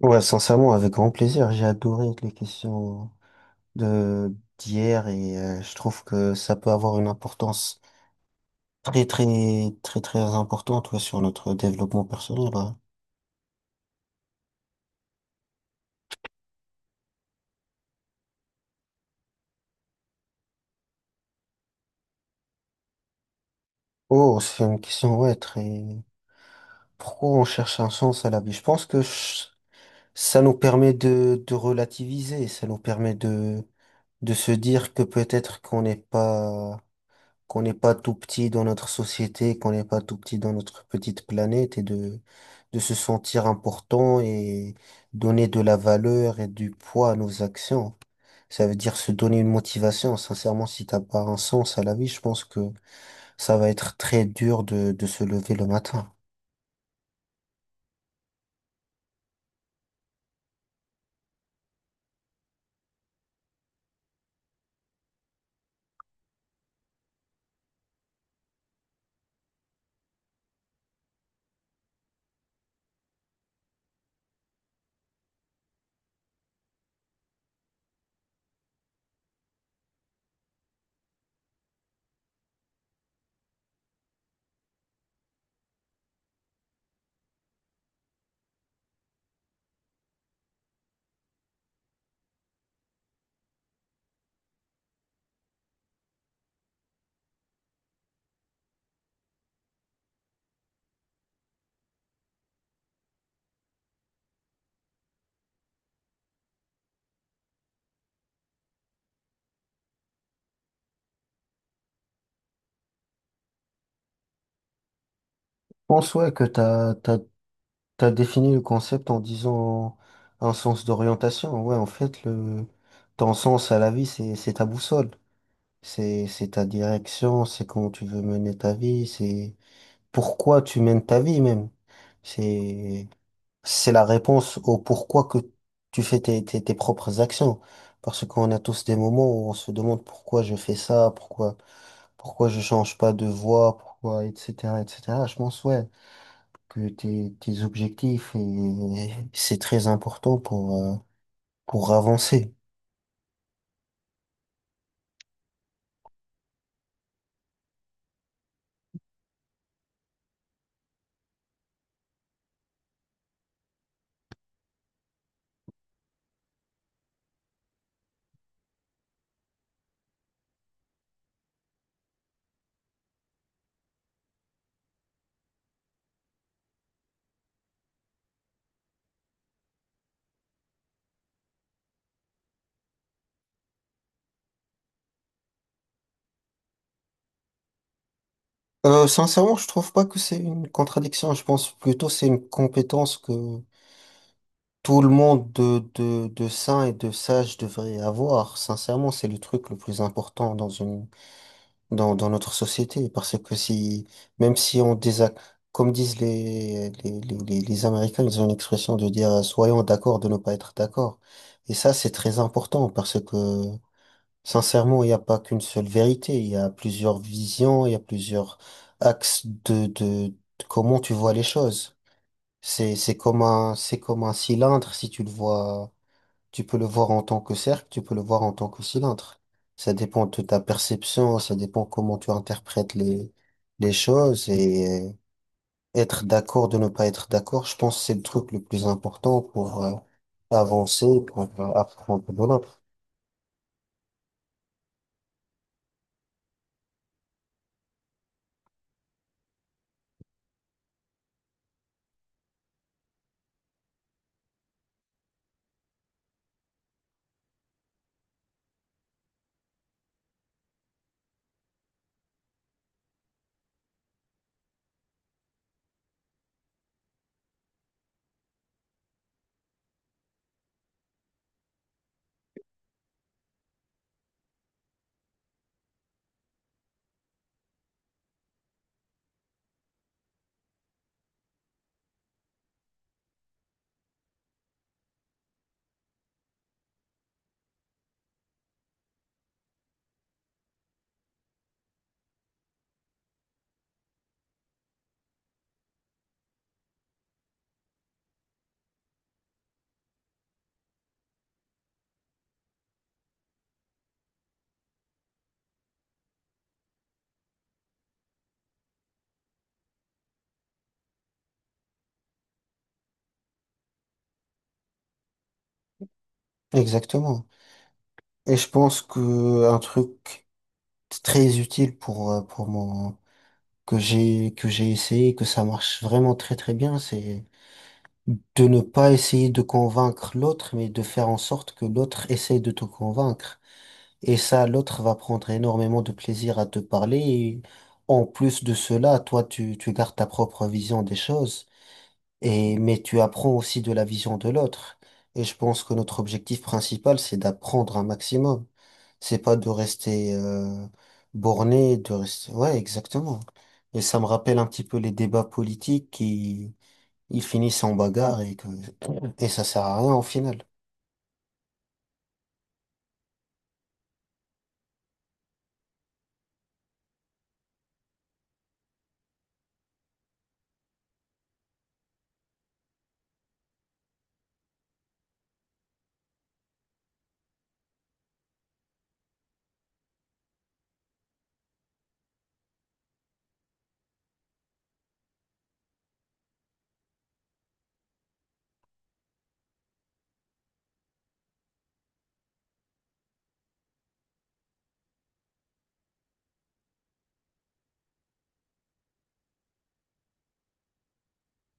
Ouais, sincèrement, avec grand plaisir. J'ai adoré les questions de d'hier et je trouve que ça peut avoir une importance très très très importante, ouais, sur notre développement personnel. Ouais. Oh, c'est une question, ouais, très. Pourquoi on cherche un sens à la vie? Je pense que ça nous permet de relativiser, ça nous permet de se dire que peut-être qu'on n'est pas tout petit dans notre société, qu'on n'est pas tout petit dans notre petite planète et de se sentir important et donner de la valeur et du poids à nos actions. Ça veut dire se donner une motivation. Sincèrement, si t'as pas un sens à la vie, je pense que ça va être très dur de se lever le matin. Je pense, ouais, que t'as défini le concept en disant un sens d'orientation. Ouais, en fait, ton sens à la vie, c'est ta boussole. C'est ta direction, c'est comment tu veux mener ta vie, c'est pourquoi tu mènes ta vie même. C'est, c'est la réponse au pourquoi que tu fais tes propres actions. Parce qu'on a tous des moments où on se demande pourquoi je fais ça, pourquoi je change pas de voie, pourquoi, etc., etc. Je pense, ouais, que tes objectifs, et, c'est très important pour avancer. Sincèrement, je trouve pas que c'est une contradiction. Je pense plutôt c'est une compétence que tout le monde de sain et de sage devrait avoir. Sincèrement, c'est le truc le plus important dans dans notre société. Parce que si, même si on désac, comme disent les Américains, ils ont une expression de dire, soyons d'accord de ne pas être d'accord. Et ça, c'est très important parce que sincèrement, il n'y a pas qu'une seule vérité, il y a plusieurs visions, il y a plusieurs axes de comment tu vois les choses. C'est comme un cylindre, si tu le vois, tu peux le voir en tant que cercle, tu peux le voir en tant que cylindre. Ça dépend de ta perception, ça dépend comment tu interprètes les choses et être d'accord de ne pas être d'accord, je pense que c'est le truc le plus important pour avancer, pour apprendre de l'autre. Exactement. Et je pense que un truc très utile pour, que que j'ai essayé, que ça marche vraiment très très bien, c'est de ne pas essayer de convaincre l'autre, mais de faire en sorte que l'autre essaye de te convaincre. Et ça, l'autre va prendre énormément de plaisir à te parler. Et en plus de cela, tu gardes ta propre vision des choses, et, mais tu apprends aussi de la vision de l'autre. Et je pense que notre objectif principal, c'est d'apprendre un maximum. C'est pas de rester borné, de rester... Ouais, exactement. Et ça me rappelle un petit peu les débats politiques qui ils finissent en bagarre et que et ça sert à rien au final.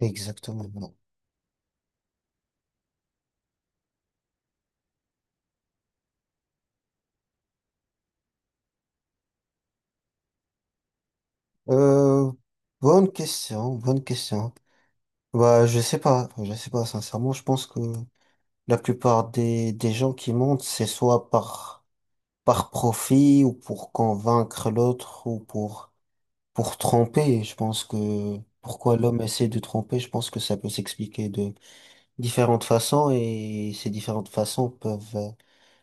Exactement. Non. Euh, Bonne question, bonne question. Bah, je sais pas sincèrement. Je pense que la plupart des gens qui montent, c'est soit par profit ou pour convaincre l'autre ou pour tromper. Je pense que pourquoi l'homme essaie de tromper, je pense que ça peut s'expliquer de différentes façons et ces différentes façons peuvent,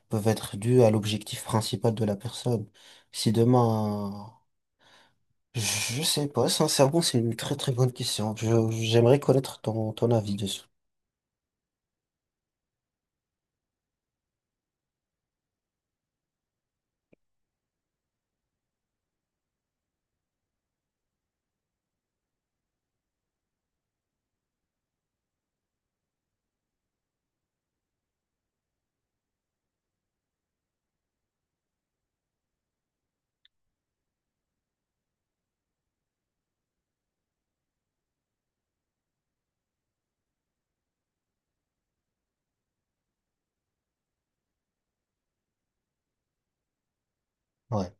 peuvent être dues à l'objectif principal de la personne. Si demain, je sais pas, sincèrement, c'est une très très bonne question. J'aimerais connaître ton avis dessus. Ouais.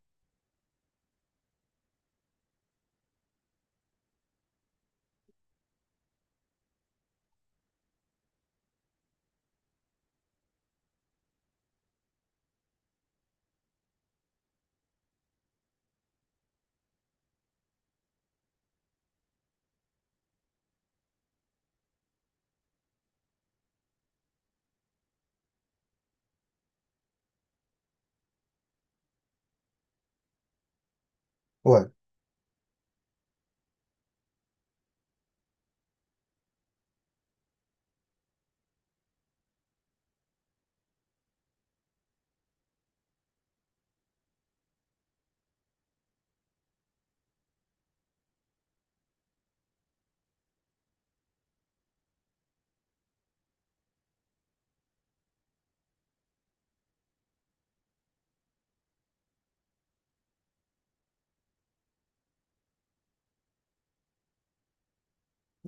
Ouais.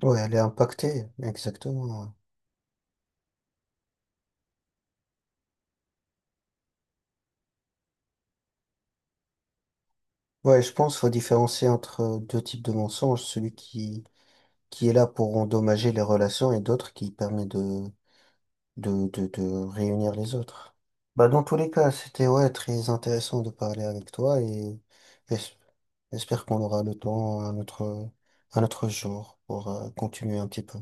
Ouais, elle est impactée. Exactement. Ouais, je pense qu'il faut différencier entre deux types de mensonges, celui qui est là pour endommager les relations et d'autres qui permet de réunir les autres. Bah, dans tous les cas, c'était, ouais, très intéressant de parler avec toi et j'es- j'espère qu'on aura le temps à à notre jour pour continuer un petit peu.